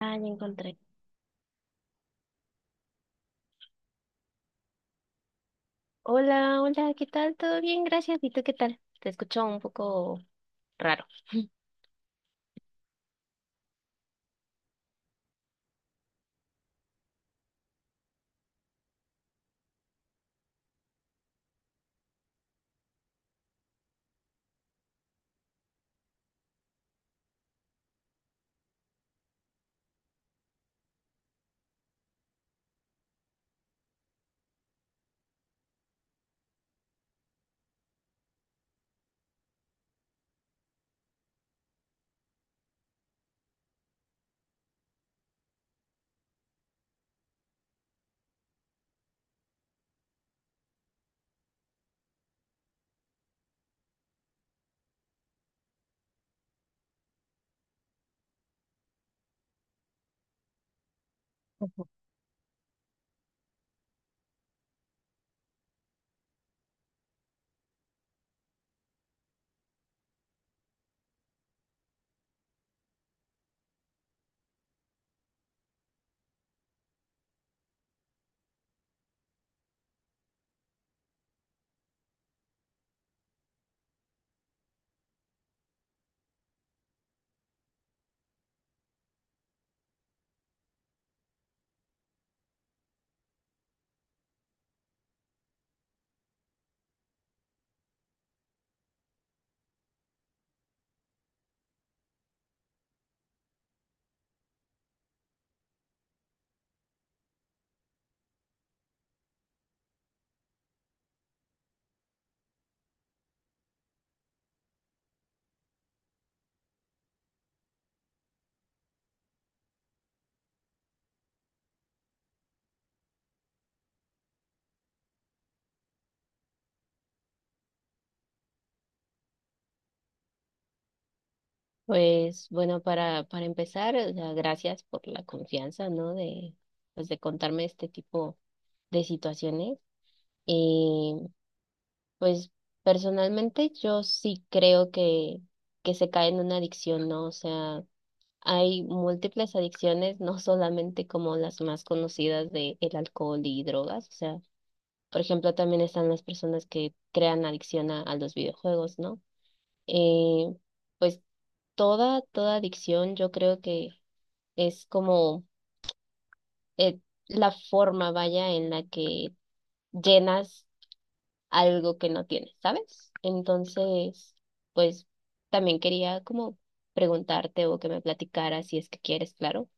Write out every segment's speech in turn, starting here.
Ah, ya encontré. Hola, hola, ¿qué tal? ¿Todo bien? Gracias. ¿Y tú qué tal? Te escucho un poco raro. Pues bueno, para empezar, o sea, gracias por la confianza, ¿no? De, pues, de contarme este tipo de situaciones. Pues personalmente yo sí creo que se cae en una adicción, ¿no? O sea, hay múltiples adicciones, no solamente como las más conocidas de el alcohol y drogas, o sea, por ejemplo, también están las personas que crean adicción a los videojuegos, ¿no? Eh, pues toda, toda adicción yo creo que es como eh, la forma, vaya, en la que llenas algo que no tienes, ¿sabes? Entonces, pues también quería como preguntarte o que me platicaras si es que quieres, claro,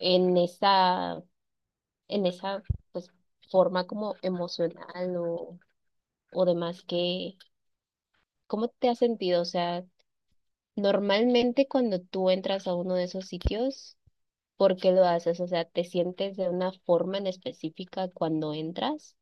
en esa, en esa pues forma como emocional o demás que, ¿cómo te has sentido? O sea, normalmente cuando tú entras a uno de esos sitios, ¿por qué lo haces? O sea, ¿te sientes de una forma en específica cuando entras?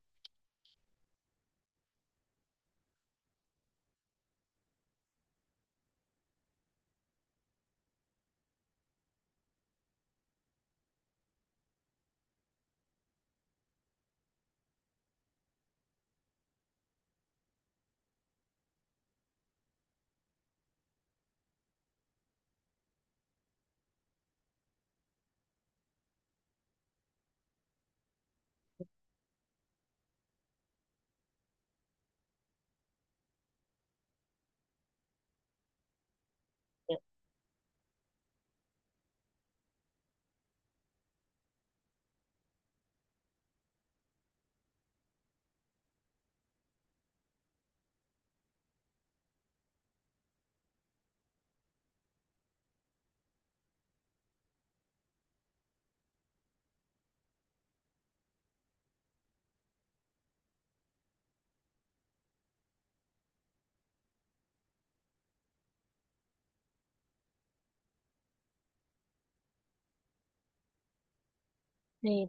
Eh,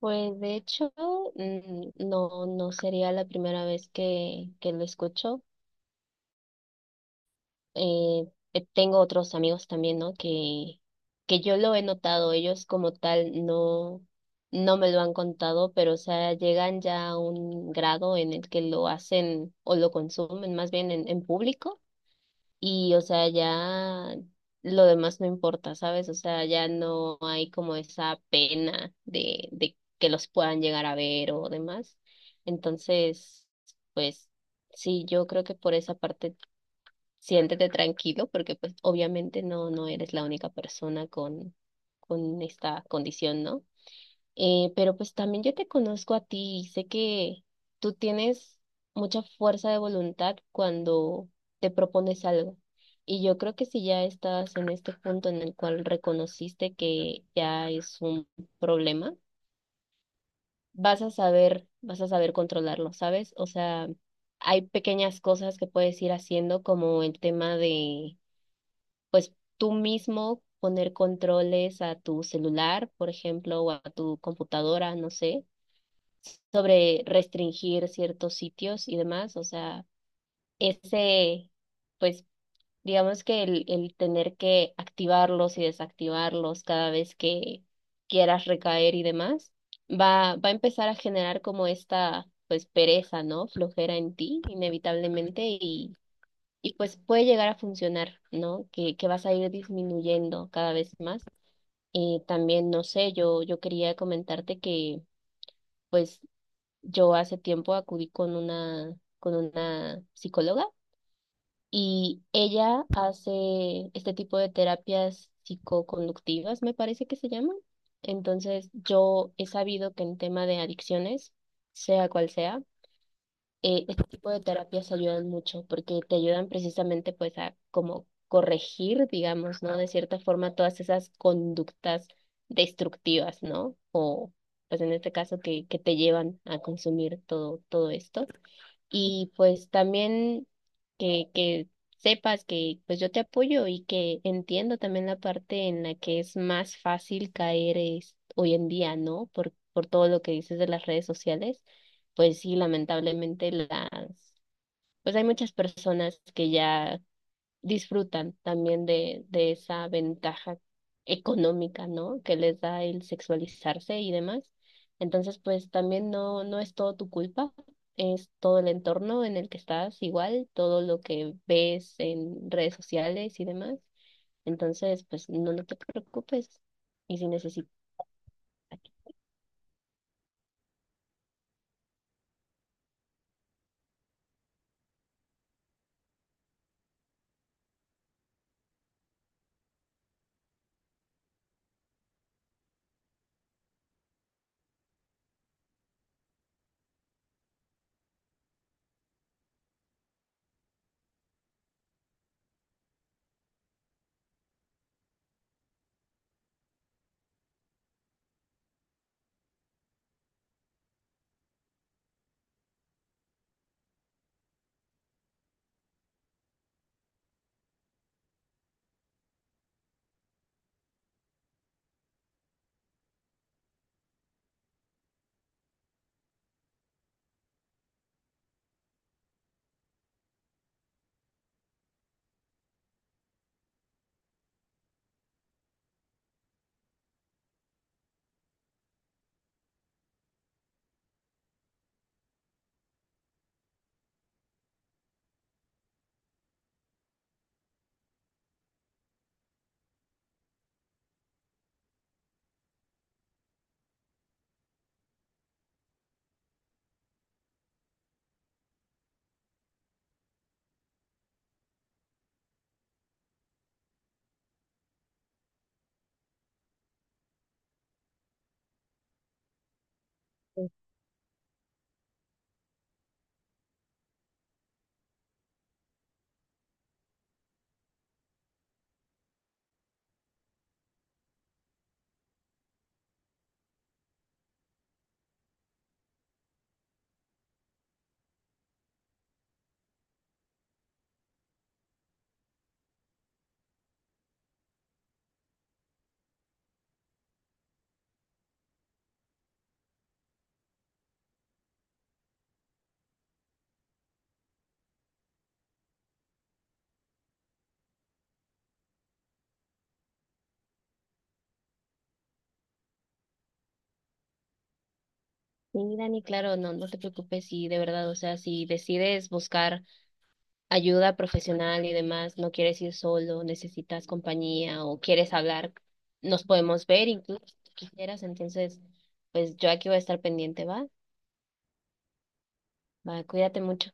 Pues de hecho, mm, no, no sería la primera vez que lo escucho. Eh, Tengo otros amigos también, ¿no? Que yo lo he notado, ellos como tal no, no me lo han contado, pero o sea, llegan ya a un grado en el que lo hacen o lo consumen más bien en público y, o sea, ya lo demás no importa, ¿sabes? O sea, ya no hay como esa pena de que los puedan llegar a ver o demás. Entonces, pues sí, yo creo que por esa parte siéntete tranquilo porque pues obviamente no, no eres la única persona con esta condición, ¿no? Pero pues también yo te conozco a ti y sé que tú tienes mucha fuerza de voluntad cuando te propones algo. Y yo creo que si ya estás en este punto en el cual reconociste que ya es un problema, vas a saber controlarlo, ¿sabes? O sea, hay pequeñas cosas que puedes ir haciendo como el tema de, pues tú mismo poner controles a tu celular, por ejemplo, o a tu computadora, no sé sobre restringir ciertos sitios y demás. O sea, ese, pues, digamos que el tener que activarlos y desactivarlos cada vez que quieras recaer y demás, va a empezar a generar como esta, pues, pereza, ¿no? Flojera en ti, inevitablemente, y pues puede llegar a funcionar, ¿no? Que vas a ir disminuyendo cada vez más. También, no sé, yo quería comentarte que pues yo hace tiempo acudí con una psicóloga y ella hace este tipo de terapias psicoconductivas, me parece que se llaman. Entonces, yo he sabido que en tema de adicciones, sea cual sea, este tipo de terapias ayudan mucho porque te ayudan precisamente pues a como corregir, digamos, ¿no? De cierta forma todas esas conductas destructivas, ¿no? O pues en este caso que te llevan a consumir todo, todo esto y pues también que sepas que pues yo te apoyo y que entiendo también la parte en la que es más fácil caer es, hoy en día, ¿no? Por todo lo que dices de las redes sociales, pues sí, lamentablemente las, pues hay muchas personas que ya disfrutan también de esa ventaja económica, ¿no? Que les da el sexualizarse y demás. Entonces, pues también no, no es todo tu culpa, es todo el entorno en el que estás igual, todo lo que ves en redes sociales y demás. Entonces, pues no, no te preocupes. Y si necesitas, sí, Dani, claro, no, no te preocupes. Y de verdad, o sea, si decides buscar ayuda profesional y demás, no quieres ir solo, necesitas compañía o quieres hablar, nos podemos ver incluso si quisieras. Entonces, pues yo aquí voy a estar pendiente, ¿va? Va, cuídate mucho.